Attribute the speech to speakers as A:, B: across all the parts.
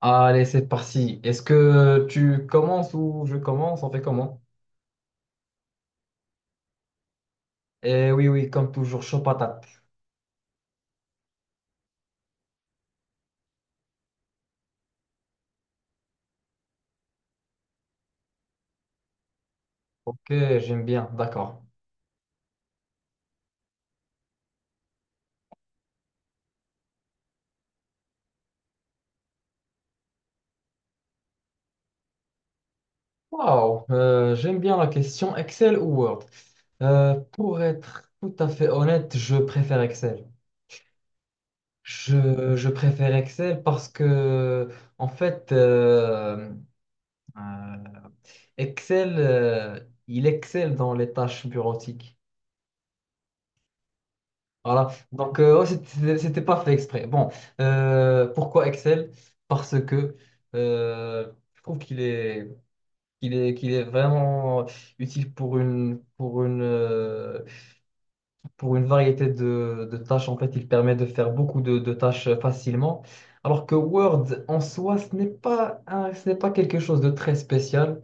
A: Allez, c'est parti. Est-ce que tu commences ou je commence? On fait comment? Eh oui, oui, comme toujours, chaud patate. Ok, j'aime bien, d'accord. Waouh, j'aime bien la question Excel ou Word. Pour être tout à fait honnête, je préfère Excel. Je préfère Excel parce que, en fait, euh, Excel, il excelle dans les tâches bureautiques. Voilà. Donc, ouais, pas fait exprès. Bon, pourquoi Excel? Parce que je trouve qu'il est vraiment utile pour une variété de tâches. En fait, il permet de faire beaucoup de tâches facilement. Alors que Word, en soi, ce n'est pas quelque chose de très spécial.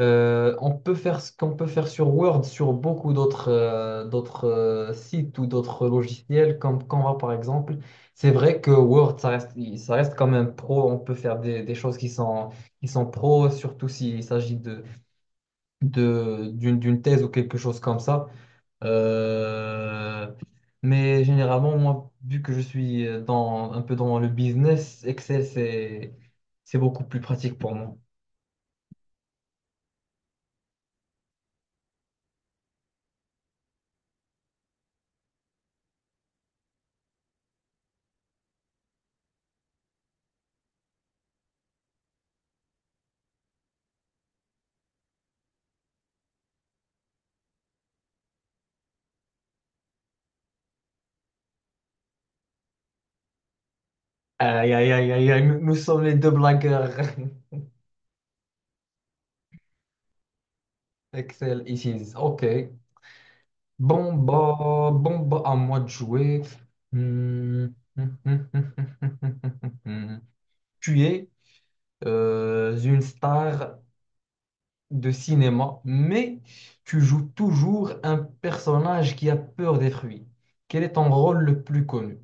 A: On peut faire ce qu'on peut faire sur Word, sur beaucoup d'autres sites ou d'autres logiciels comme Canva par exemple. C'est vrai que Word, ça reste quand même pro. On peut faire des choses qui sont pro, surtout s'il s'agit d'une thèse ou quelque chose comme ça. Euh, mais généralement, moi, vu que je suis dans, un peu dans le business, c'est beaucoup plus pratique pour moi. Aïe, aïe, aïe, aïe, aïe, nous sommes les deux blagueurs. Excel, ici. Ok. Bon, bah, à moi de jouer. Hmm. Tu es une star de cinéma, mais tu joues toujours un personnage qui a peur des fruits. Quel est ton rôle le plus connu?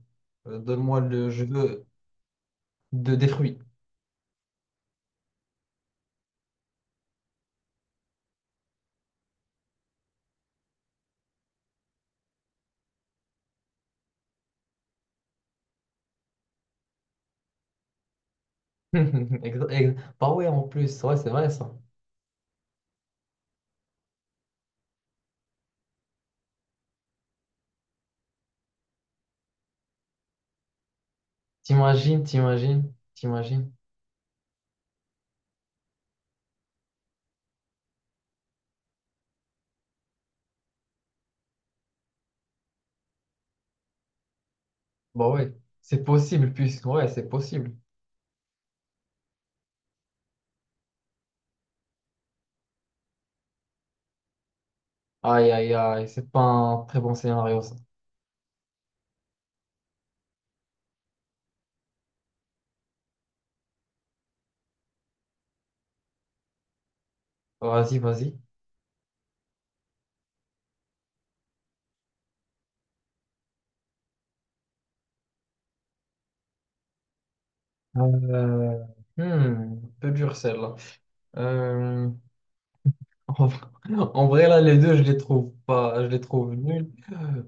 A: Donne-moi le jeu des fruits. Bah ouais, en plus, ouais, c'est vrai ça. T'imagines. Bah ouais, c'est possible, puisque ouais, c'est possible. Aïe, aïe, aïe, c'est pas un très bon scénario ça. Vas-y. Euh, hmm, peu dur celle-là. Euh, en vrai, en vrai, là, les deux, je les trouve pas, je les trouve nuls.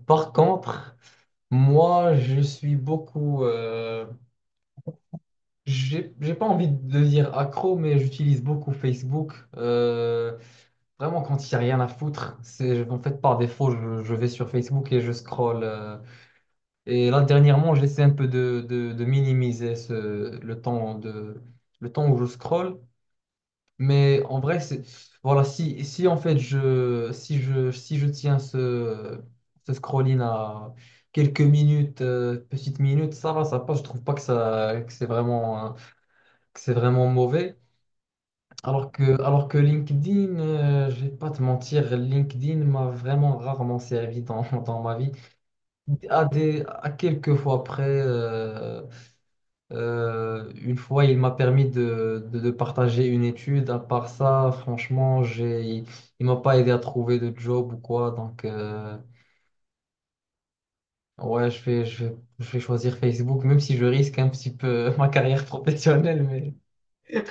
A: Par contre, moi, je suis beaucoup. J'ai pas envie de dire accro, mais j'utilise beaucoup Facebook. Vraiment, quand il n'y a rien à foutre, c'est en fait par défaut, je vais sur Facebook et je scrolle. Euh, et là, dernièrement, j'essaie un peu de minimiser le temps le temps où je scrolle. Mais en vrai, c'est, voilà, si, si en fait je, si je, si je tiens ce scrolling à quelques minutes, petites minutes, ça va, ça passe. Je trouve pas que ça, que c'est vraiment, hein, que c'est vraiment mauvais. Alors que LinkedIn, je vais pas te mentir, LinkedIn m'a vraiment rarement servi dans, dans ma vie. À quelques fois près, une fois, il m'a permis de partager une étude. À part ça, franchement, il m'a pas aidé à trouver de job ou quoi. Donc, ouais, je vais choisir Facebook, même si je risque un petit peu ma carrière professionnelle, mais.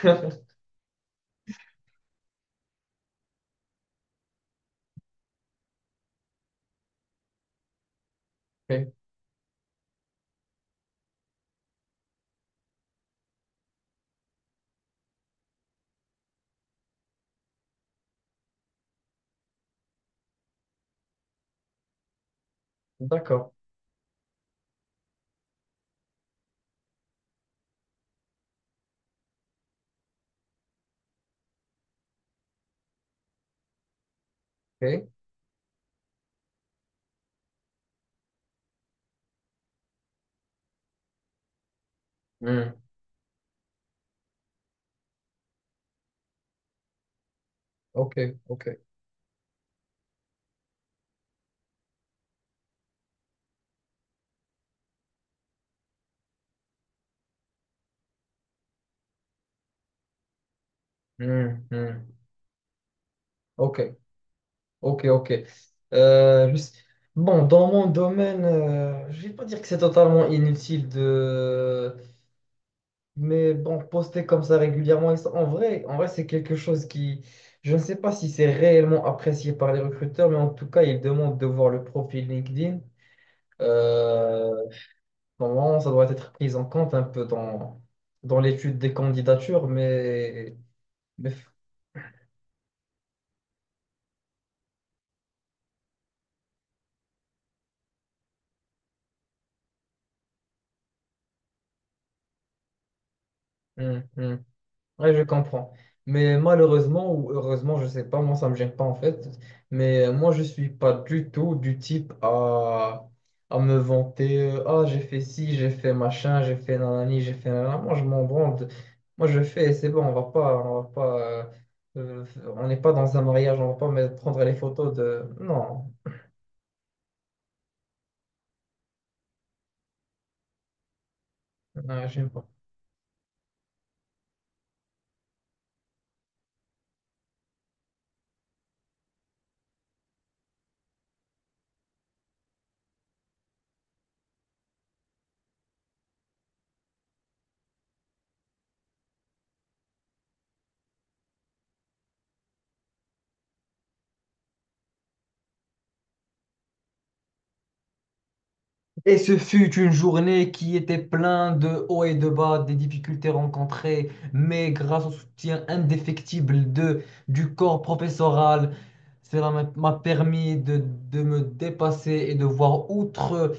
A: Ok, d'accord. Ok. Hmm. Ok, ok. Hmm, hmm. Ok, ok, ok. Euh, je sais- bon, dans mon domaine, je vais pas dire que c'est totalement inutile de... Mais bon, poster comme ça régulièrement, en vrai, c'est quelque chose qui... Je ne sais pas si c'est réellement apprécié par les recruteurs, mais en tout cas, ils demandent de voir le profil LinkedIn. Euh, Normalement, ça doit être pris en compte un peu dans l'étude des candidatures, mais... Hmm, hmm. Ouais, je comprends. Mais malheureusement ou heureusement, je sais pas, moi ça me gêne pas en fait. Mais moi je suis pas du tout du type à me vanter. Euh, ah, j'ai fait ci, j'ai fait machin, j'ai fait nanani, j'ai fait nanana. Moi je m'en branle. De- Moi je fais et c'est bon, on va pas, euh, euh, on n'est pas dans un mariage, on va pas me prendre les photos de. Non, j'aime pas. Et ce fut une journée qui était pleine de hauts et de bas, des difficultés rencontrées, mais grâce au soutien indéfectible du corps professoral, cela m'a permis de me dépasser et de voir outre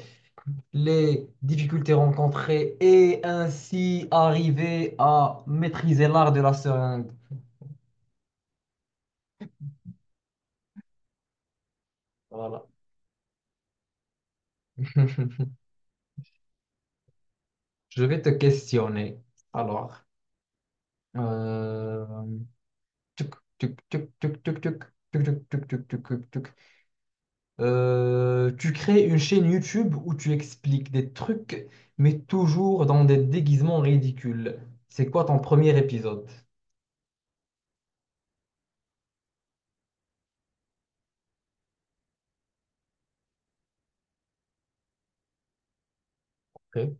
A: les difficultés rencontrées et ainsi arriver à maîtriser l'art de la seringue. Voilà. Je vais te questionner. Alors, euh, tuc, tuc, tuc, tuc, tuc, tuc, tuc, tuc, tuc, tuc, tuc, tuc. Tu crées une chaîne YouTube où tu expliques des trucs, mais toujours dans des déguisements ridicules. C'est quoi ton premier épisode? Ok,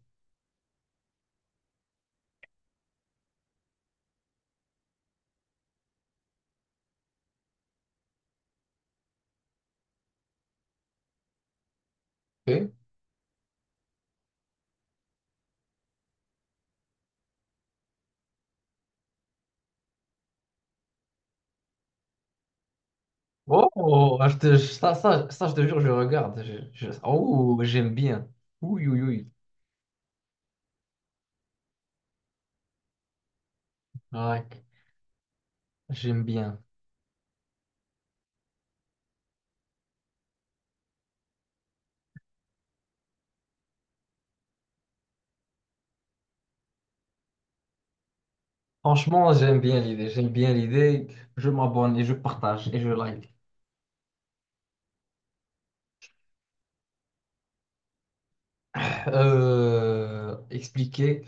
A: ok. Oh, ah, je te- ça, je te jure, je regarde. Oh, j'aime bien. Oui, oui, oui. Ouais, j'aime bien. Franchement, j'aime bien l'idée. J'aime bien l'idée. Je m'abonne et je partage et je like. Expliquer,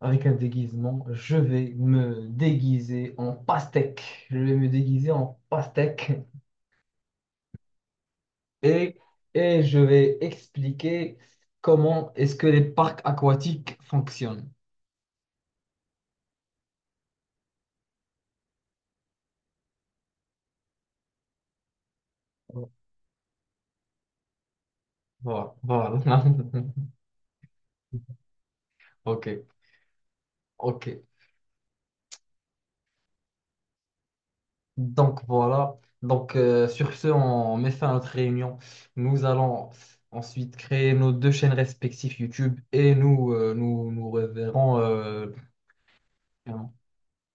A: avec un déguisement. Je vais me déguiser en pastèque et, et je vais expliquer comment est-ce que les parcs aquatiques fonctionnent. Voilà, voilà. Ok, ok. Donc voilà. Donc sur ce, on met fin à notre réunion. Nous allons ensuite créer nos deux chaînes respectives YouTube et nous reverrons. Euh,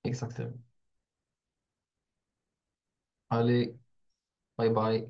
A: exactement. Allez, bye bye.